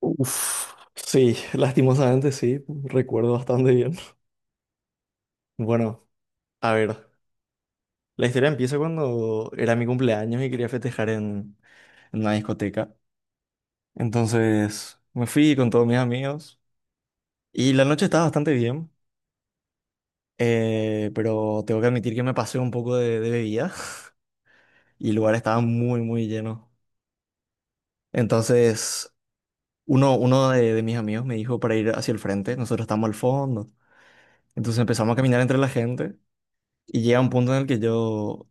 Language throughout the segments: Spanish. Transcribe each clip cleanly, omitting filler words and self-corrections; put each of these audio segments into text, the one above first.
Uf, sí, lastimosamente sí, recuerdo bastante bien. Bueno, a ver, la historia empieza cuando era mi cumpleaños y quería festejar en una discoteca. Entonces me fui con todos mis amigos y la noche estaba bastante bien, pero tengo que admitir que me pasé un poco de bebida y el lugar estaba muy, muy lleno. Entonces uno de mis amigos me dijo para ir hacia el frente, nosotros estamos al fondo. Entonces empezamos a caminar entre la gente. Y llega un punto en el que yo,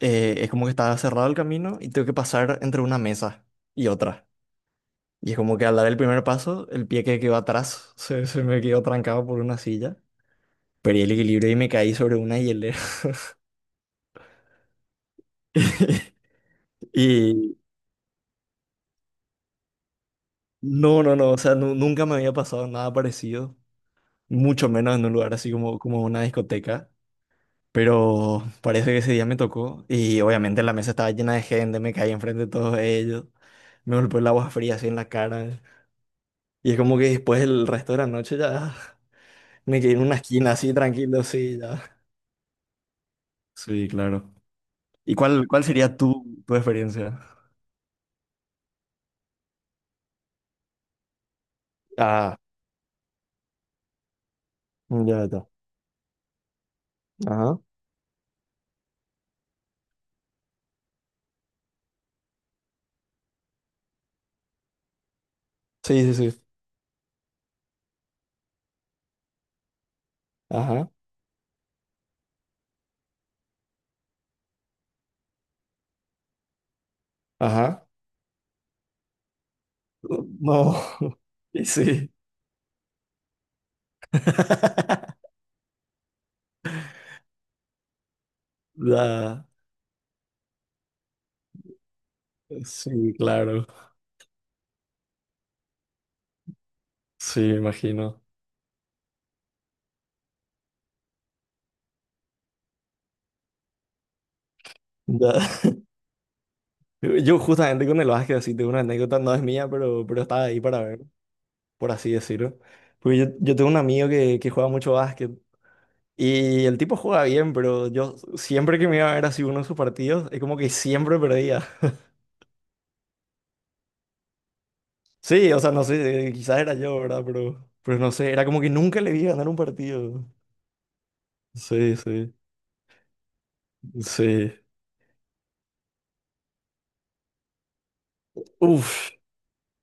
eh, es como que estaba cerrado el camino y tengo que pasar entre una mesa y otra. Y es como que al dar el primer paso, el pie que quedó atrás se me quedó trancado por una silla. Perdí el equilibrio y me caí sobre una hielera. Y no, no, no, o sea, nunca me había pasado nada parecido, mucho menos en un lugar así como, como una discoteca. Pero parece que ese día me tocó y obviamente la mesa estaba llena de gente, me caí enfrente de todos ellos, me golpeó el agua fría así en la cara. Y es como que después el resto de la noche ya me quedé en una esquina así tranquilo, sí, ya. Sí, claro. ¿Y cuál sería tu experiencia? Ah, ya está. Ajá. Sí, sí, sí. Ajá, ajá. No. Y sí. Ya. Sí, claro. Sí, me imagino. Ya. Yo justamente con el básquet así tengo una anécdota, no es mía, pero estaba ahí para ver, por así decirlo. Porque yo tengo un amigo que juega mucho básquet. Y el tipo juega bien, pero yo siempre que me iba a ver así uno de sus partidos, es como que siempre perdía. Sí, o sea, no sé, quizás era yo, ¿verdad? Pero no sé, era como que nunca le vi ganar un partido. Sí, sí, sí. Uf,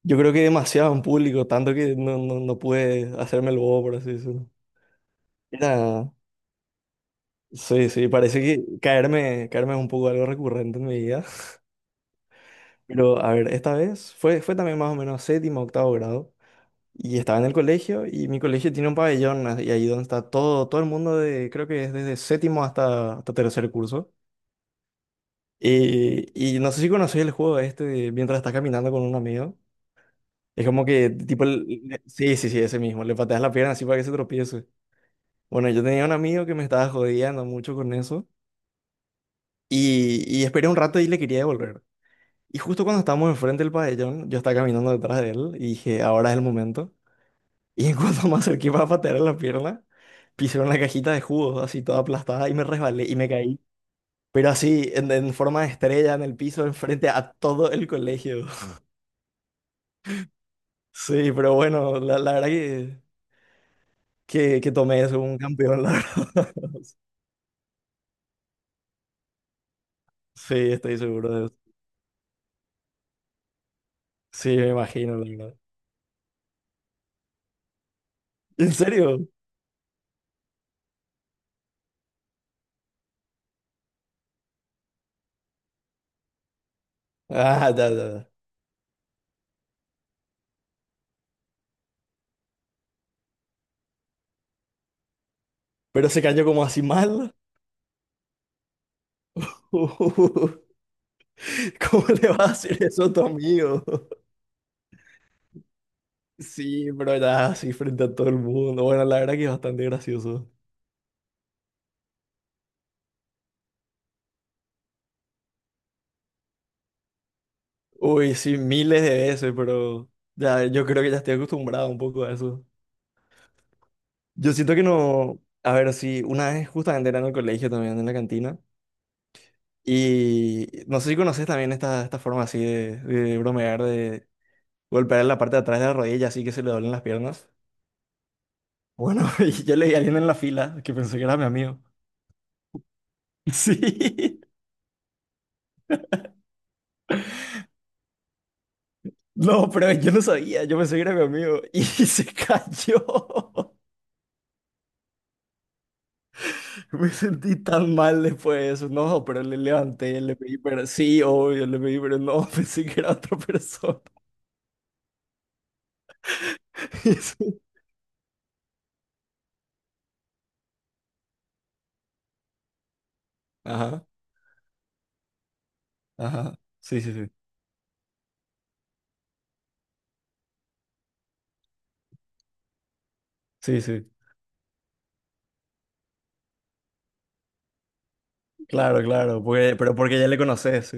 yo creo que demasiado en público, tanto que no, no, no pude hacerme el bobo, por así decirlo. Era, sí, sí, parece que caerme, caerme es un poco algo recurrente en mi vida. Pero a ver, esta vez fue también más o menos séptimo, octavo grado. Y estaba en el colegio y mi colegio tiene un pabellón, y ahí donde está todo, todo el mundo de, creo que es desde séptimo hasta tercer curso. Y no sé si conocéis el juego este de mientras estás caminando con un amigo. Es como que tipo, sí, sí, sí, ese mismo, le pateas la pierna así para que se tropiece. Bueno, yo tenía un amigo que me estaba jodiendo mucho con eso y esperé un rato y le quería devolver. Y justo cuando estábamos enfrente del pabellón, yo estaba caminando detrás de él y dije, ahora es el momento. Y en cuando me acerqué para patear la pierna, pisé una cajita de jugos así toda aplastada y me resbalé y me caí. Pero así, en forma de estrella en el piso, enfrente a todo el colegio. Sí, pero bueno, la verdad que que tomé eso como un campeón, la verdad. Sí, estoy seguro de eso. Sí, me imagino, la verdad. ¿En serio? Ah, ya, ya, ya. Pero se cayó como así mal. ¿Cómo le vas a hacer eso a tu amigo? Sí, pero ya, así frente a todo el mundo. Bueno, la verdad que es bastante gracioso. Uy, sí, miles de veces, pero ya yo creo que ya estoy acostumbrado un poco a eso. Yo siento que no, a ver, sí, una vez justamente era en el colegio también, en la cantina, y no sé si conoces también esta forma así de bromear, de golpear en la parte de atrás de la rodilla así que se le doblen las piernas. Bueno, y yo le di a alguien en la fila que pensó que era mi amigo. Sí, no, pero yo no sabía, yo pensé que era mi amigo y se cayó. Me sentí tan mal después de eso. No, pero le levanté, le pedí, pero sí, obvio, le pedí, pero no, pensé que era otra persona. Y sí. Ajá, ajá. Sí, sí, sí. Sí, sí. Claro, claro. Porque, pero porque ya le conoces, sí.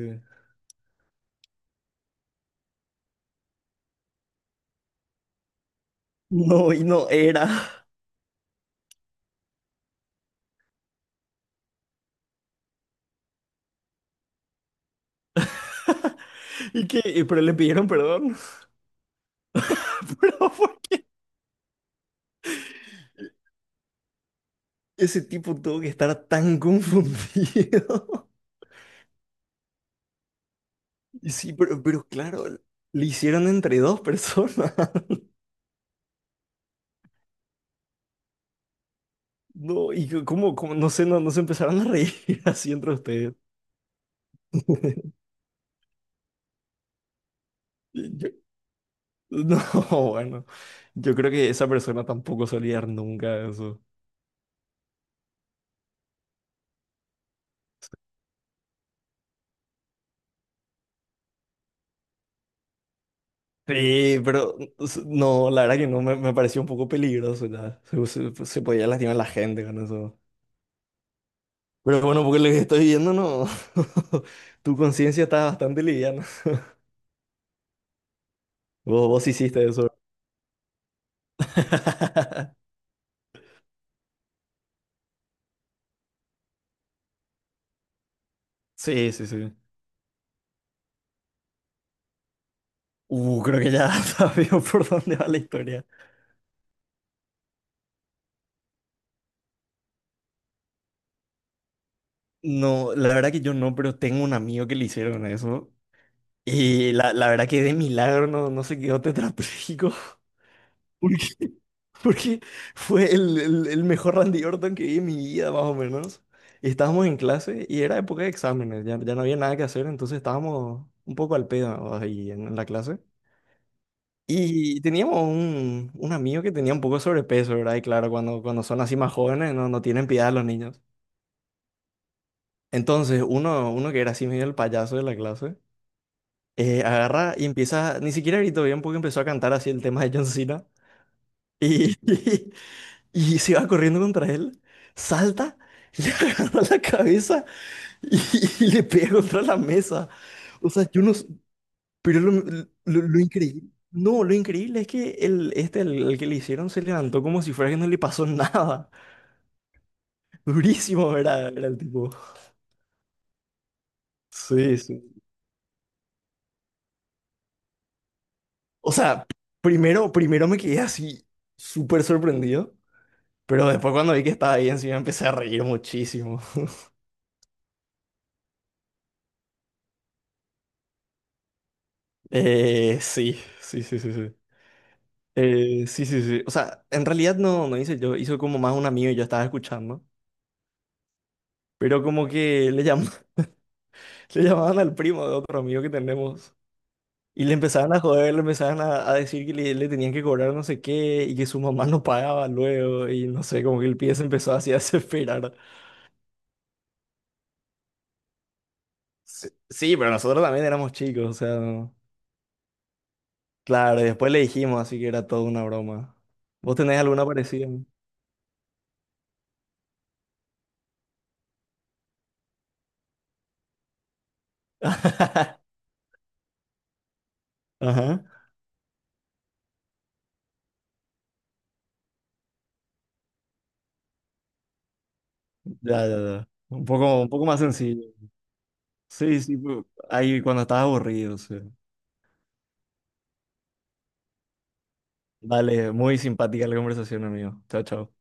No, y no era. ¿Y qué? Y pero le pidieron perdón. Pero ¿por qué ese tipo tuvo que estar tan confundido? Y sí, pero claro, le hicieron entre dos personas. No, y que- no sé, no, no se empezaron a reír así entre ustedes. Yo- no, bueno, yo creo que esa persona tampoco se olvidar nunca de eso. Sí, pero no, la verdad que no, me pareció un poco peligroso ya. Pues, se podía lastimar a la gente con eso. Pero bueno, porque lo que estoy viendo, no. Tu conciencia está bastante liviana. Vos, vos hiciste eso. Sí, sí, sí. Creo que ya sabía por dónde va la historia. No, la verdad que yo no, pero tengo un amigo que le hicieron eso. Y la verdad que de milagro no, no se quedó tetrapléjico. Porque, porque fue el mejor Randy Orton que vi en mi vida, más o menos. Y estábamos en clase y era época de exámenes, ya, ya no había nada que hacer, entonces estábamos un poco al pedo ahí en la clase. Y teníamos un amigo que tenía un poco de sobrepeso, ¿verdad? Y claro, cuando, cuando son así más jóvenes no, no tienen piedad los niños. Entonces, uno que era así medio el payaso de la clase. Agarra y empieza, ni siquiera gritó bien porque empezó a cantar así el tema de John Cena y, y se va corriendo contra él, salta, le agarra la cabeza y, y le pega contra la mesa. O sea, yo no, s- pero lo increíble, no, lo increíble es que el que le hicieron se levantó como si fuera que no le pasó nada. Durísimo era, era el tipo. Sí, sí. O sea, primero, primero me quedé así súper sorprendido. Pero después cuando vi que estaba ahí encima empecé a reír muchísimo. Sí, sí, sí, sí, sí. Sí, sí, sí. O sea, en realidad no, no hice yo, hizo como más un amigo y yo estaba escuchando. Pero como que le llamaban al primo de otro amigo que tenemos. Y le empezaban a joder, le empezaban a decir que le tenían que cobrar no sé qué y que su mamá no pagaba luego. Y no sé, como que el pie se empezó así a desesperar. Sí, sí, pero nosotros también éramos chicos, o sea. Claro, y después le dijimos, así que era toda una broma. ¿Vos tenés alguna parecida? Ajá. Ya, ya, ya. Un poco más sencillo. Sí, sí, ahí cuando estás aburrido. Sí. Dale, muy simpática la conversación, amigo. Chao, chao.